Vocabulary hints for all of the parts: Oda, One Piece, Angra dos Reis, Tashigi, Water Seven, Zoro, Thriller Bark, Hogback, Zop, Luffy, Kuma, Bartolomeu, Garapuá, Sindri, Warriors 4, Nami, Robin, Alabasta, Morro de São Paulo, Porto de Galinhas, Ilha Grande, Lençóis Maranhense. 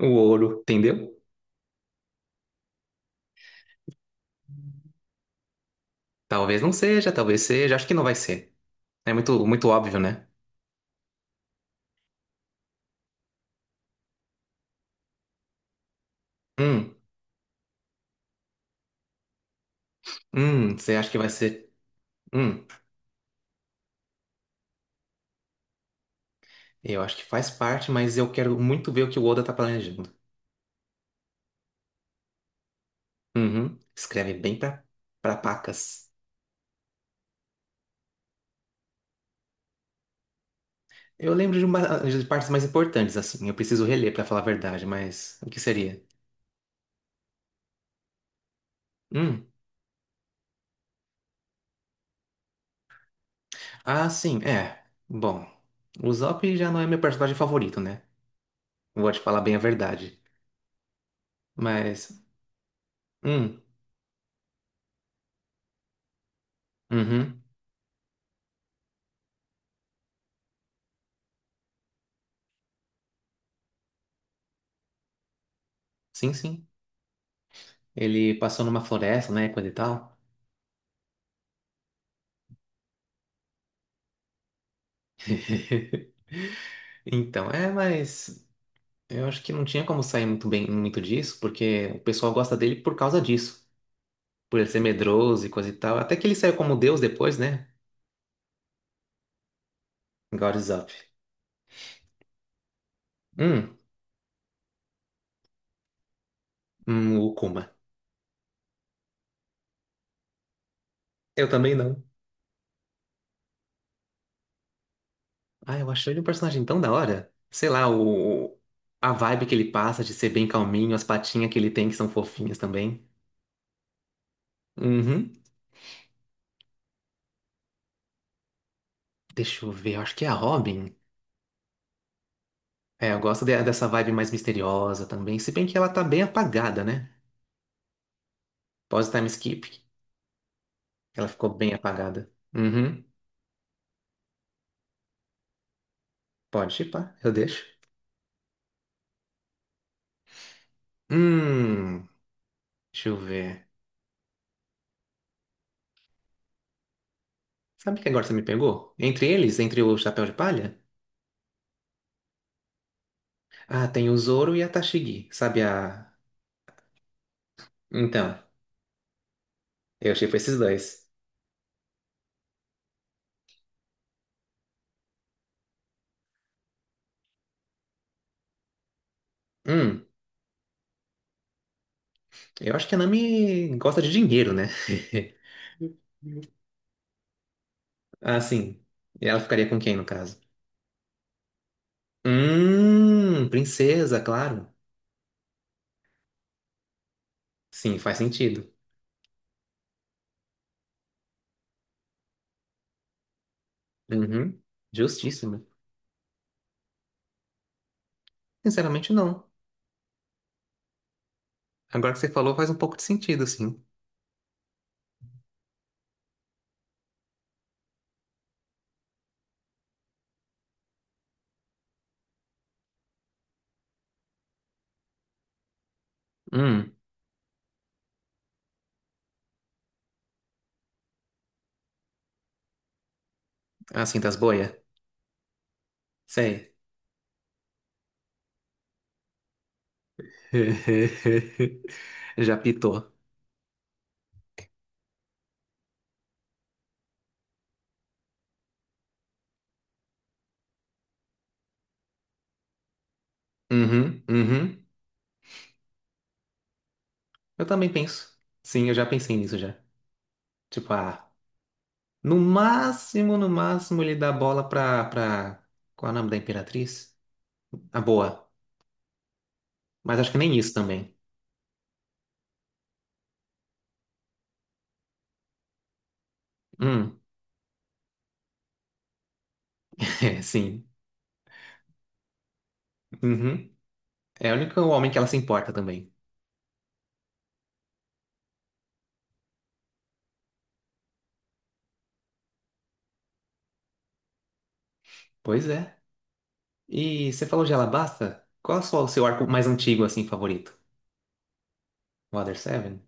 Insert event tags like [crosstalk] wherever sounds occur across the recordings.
O ouro, entendeu? Talvez não seja, talvez seja. Acho que não vai ser. É muito, muito óbvio, né? Hum, você acha que vai ser? Hum, eu acho que faz parte, mas eu quero muito ver o que o Oda tá planejando. Uhum, escreve bem pra, pra pacas. Eu lembro de, uma, de partes mais importantes, assim. Eu preciso reler pra falar a verdade, mas o que seria? Hum, ah, sim, é. Bom, o Zop já não é meu personagem favorito, né? Vou te falar bem a verdade. Mas, hum, uhum, sim, sim. Ele passou numa floresta, né, coisa e tal. [laughs] Então, é, mas eu acho que não tinha como sair muito bem, muito disso, porque o pessoal gosta dele por causa disso. Por ele ser medroso e coisa e tal. Até que ele saiu como Deus depois, né? God is up. Hum, o Kuma. Eu também não. Ah, eu achei ele um personagem tão da hora. Sei lá, o... A vibe que ele passa de ser bem calminho, as patinhas que ele tem que são fofinhas também. Uhum. Deixa eu ver, eu acho que é a Robin. É, eu gosto de- dessa vibe mais misteriosa também, se bem que ela tá bem apagada, né? Pós-time skip, ela ficou bem apagada. Uhum, pode chipar, eu deixo. Hum, deixa eu ver. Sabe o que agora você me pegou? Entre eles, entre o Chapéu de Palha? Ah, tem o Zoro e a Tashigi, sabe a... Então, eu chipo esses dois. Hum, eu acho que a Nami gosta de dinheiro, né? Ah, sim. E ela ficaria com quem, no caso? Princesa, claro. Sim, faz sentido. Uhum. Justíssimo. Sinceramente, não. Agora que você falou, faz um pouco de sentido, sim. Hum, assim das boias? Sei. [laughs] Já pitou. Uhum, uhum. Eu também penso. Sim, eu já pensei nisso já. Tipo, ah, no máximo, no máximo, ele dá bola pra, pra... Qual é o nome da Imperatriz? A boa. Mas acho que nem isso também. Hum, [laughs] é, sim. Uhum. É o único homem que ela se importa também. Pois é. E você falou de Alabasta? Qual é só o seu arco mais antigo, assim, favorito? Water Seven?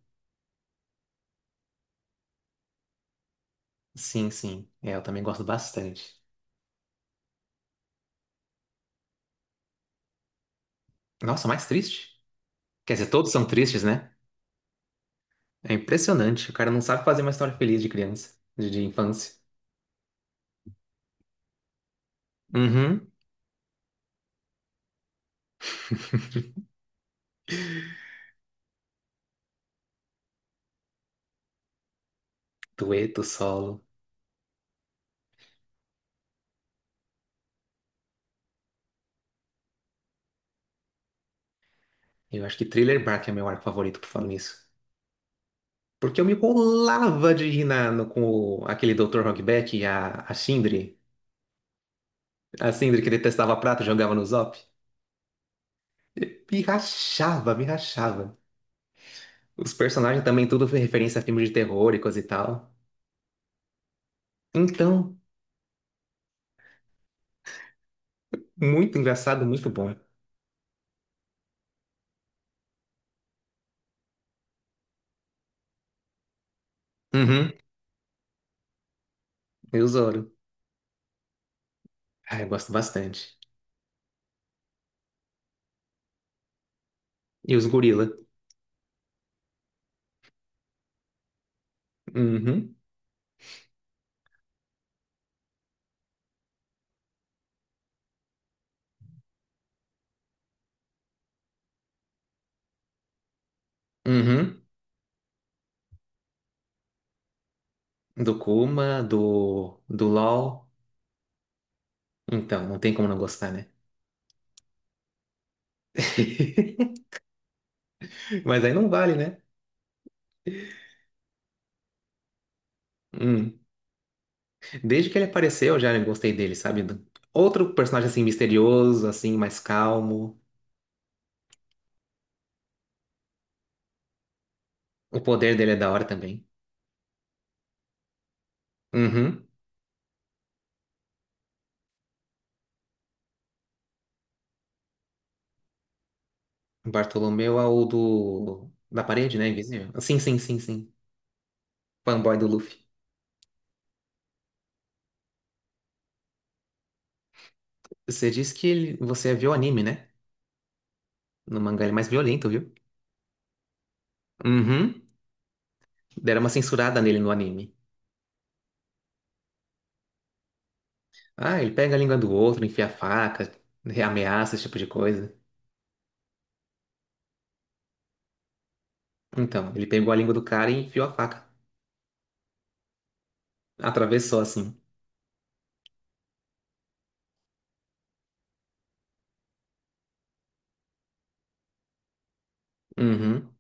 Sim, sim. É, eu também gosto bastante. Nossa, mais triste? Quer dizer, todos são tristes, né? É impressionante. O cara não sabe fazer uma história feliz de criança, de infância. Uhum. Dueto, solo. Eu acho que Thriller Bark é meu arco favorito por falar nisso. Porque eu me colava de rir na- no- com o- aquele Dr. Hogback e a Sindri. A Sindri que detestava prata e jogava no Zop. Me rachava, me rachava. Os personagens também tudo foi referência a filmes de terror e coisa e tal. Então, muito engraçado, muito bom. Uhum. E o Zoro. Ah, eu gosto bastante. E os gorila. Uhum. Uhum. Do Kuma, do, do LOL. Então, não tem como não gostar, né? [laughs] Mas aí não vale, né? Hum. Desde que ele apareceu, eu já gostei dele, sabe? Do- Outro personagem assim misterioso, assim, mais calmo. O poder dele é da hora também. Uhum. Bartolomeu é o do... Da parede, né? Invisível. Sim, sim, sim, sim. Fanboy do Luffy. Você disse que ele... você viu o anime, né? No mangá ele é mais violento, viu? Uhum. Deram uma censurada nele no anime. Ah, ele pega a língua do outro, enfia a faca, ameaça, esse tipo de coisa. Então, ele pegou a língua do cara e enfiou a faca. Atravessou assim. Uhum.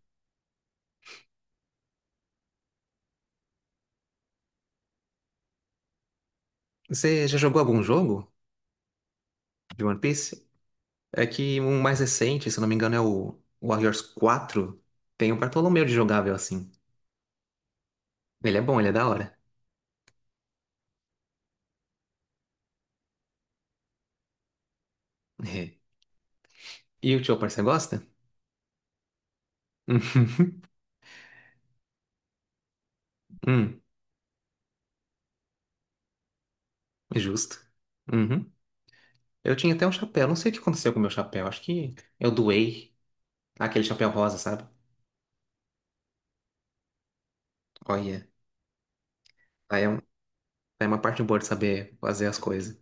Você já jogou algum jogo de One Piece? É que o mais recente, se eu não me engano, é o Warriors 4. Tem o Bartolomeu de jogável assim. Ele é bom, ele é da hora. [laughs] É. E o tio parceiro gosta? [laughs] Hum, justo. Uhum. Eu tinha até um chapéu, não sei o que aconteceu com o meu chapéu, acho que eu doei. Aquele chapéu rosa, sabe? Olha, aí é, um- é uma parte boa de saber fazer as coisas.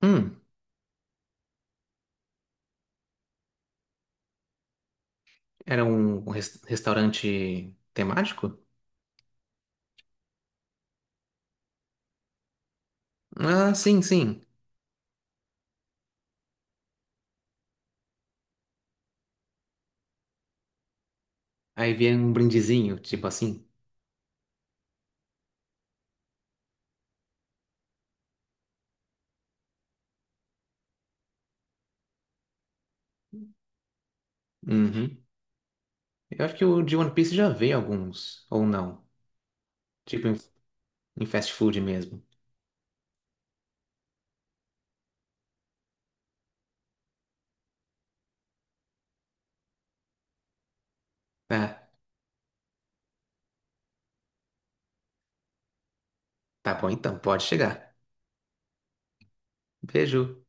Hum, era um res- restaurante temático? Ah, sim, sim. Aí vinha um brindezinho, tipo assim. Uhum. Eu acho que o de One Piece já veio alguns, ou não. Tipo em, em fast food mesmo. Ah, tá bom então, pode chegar. Beijo.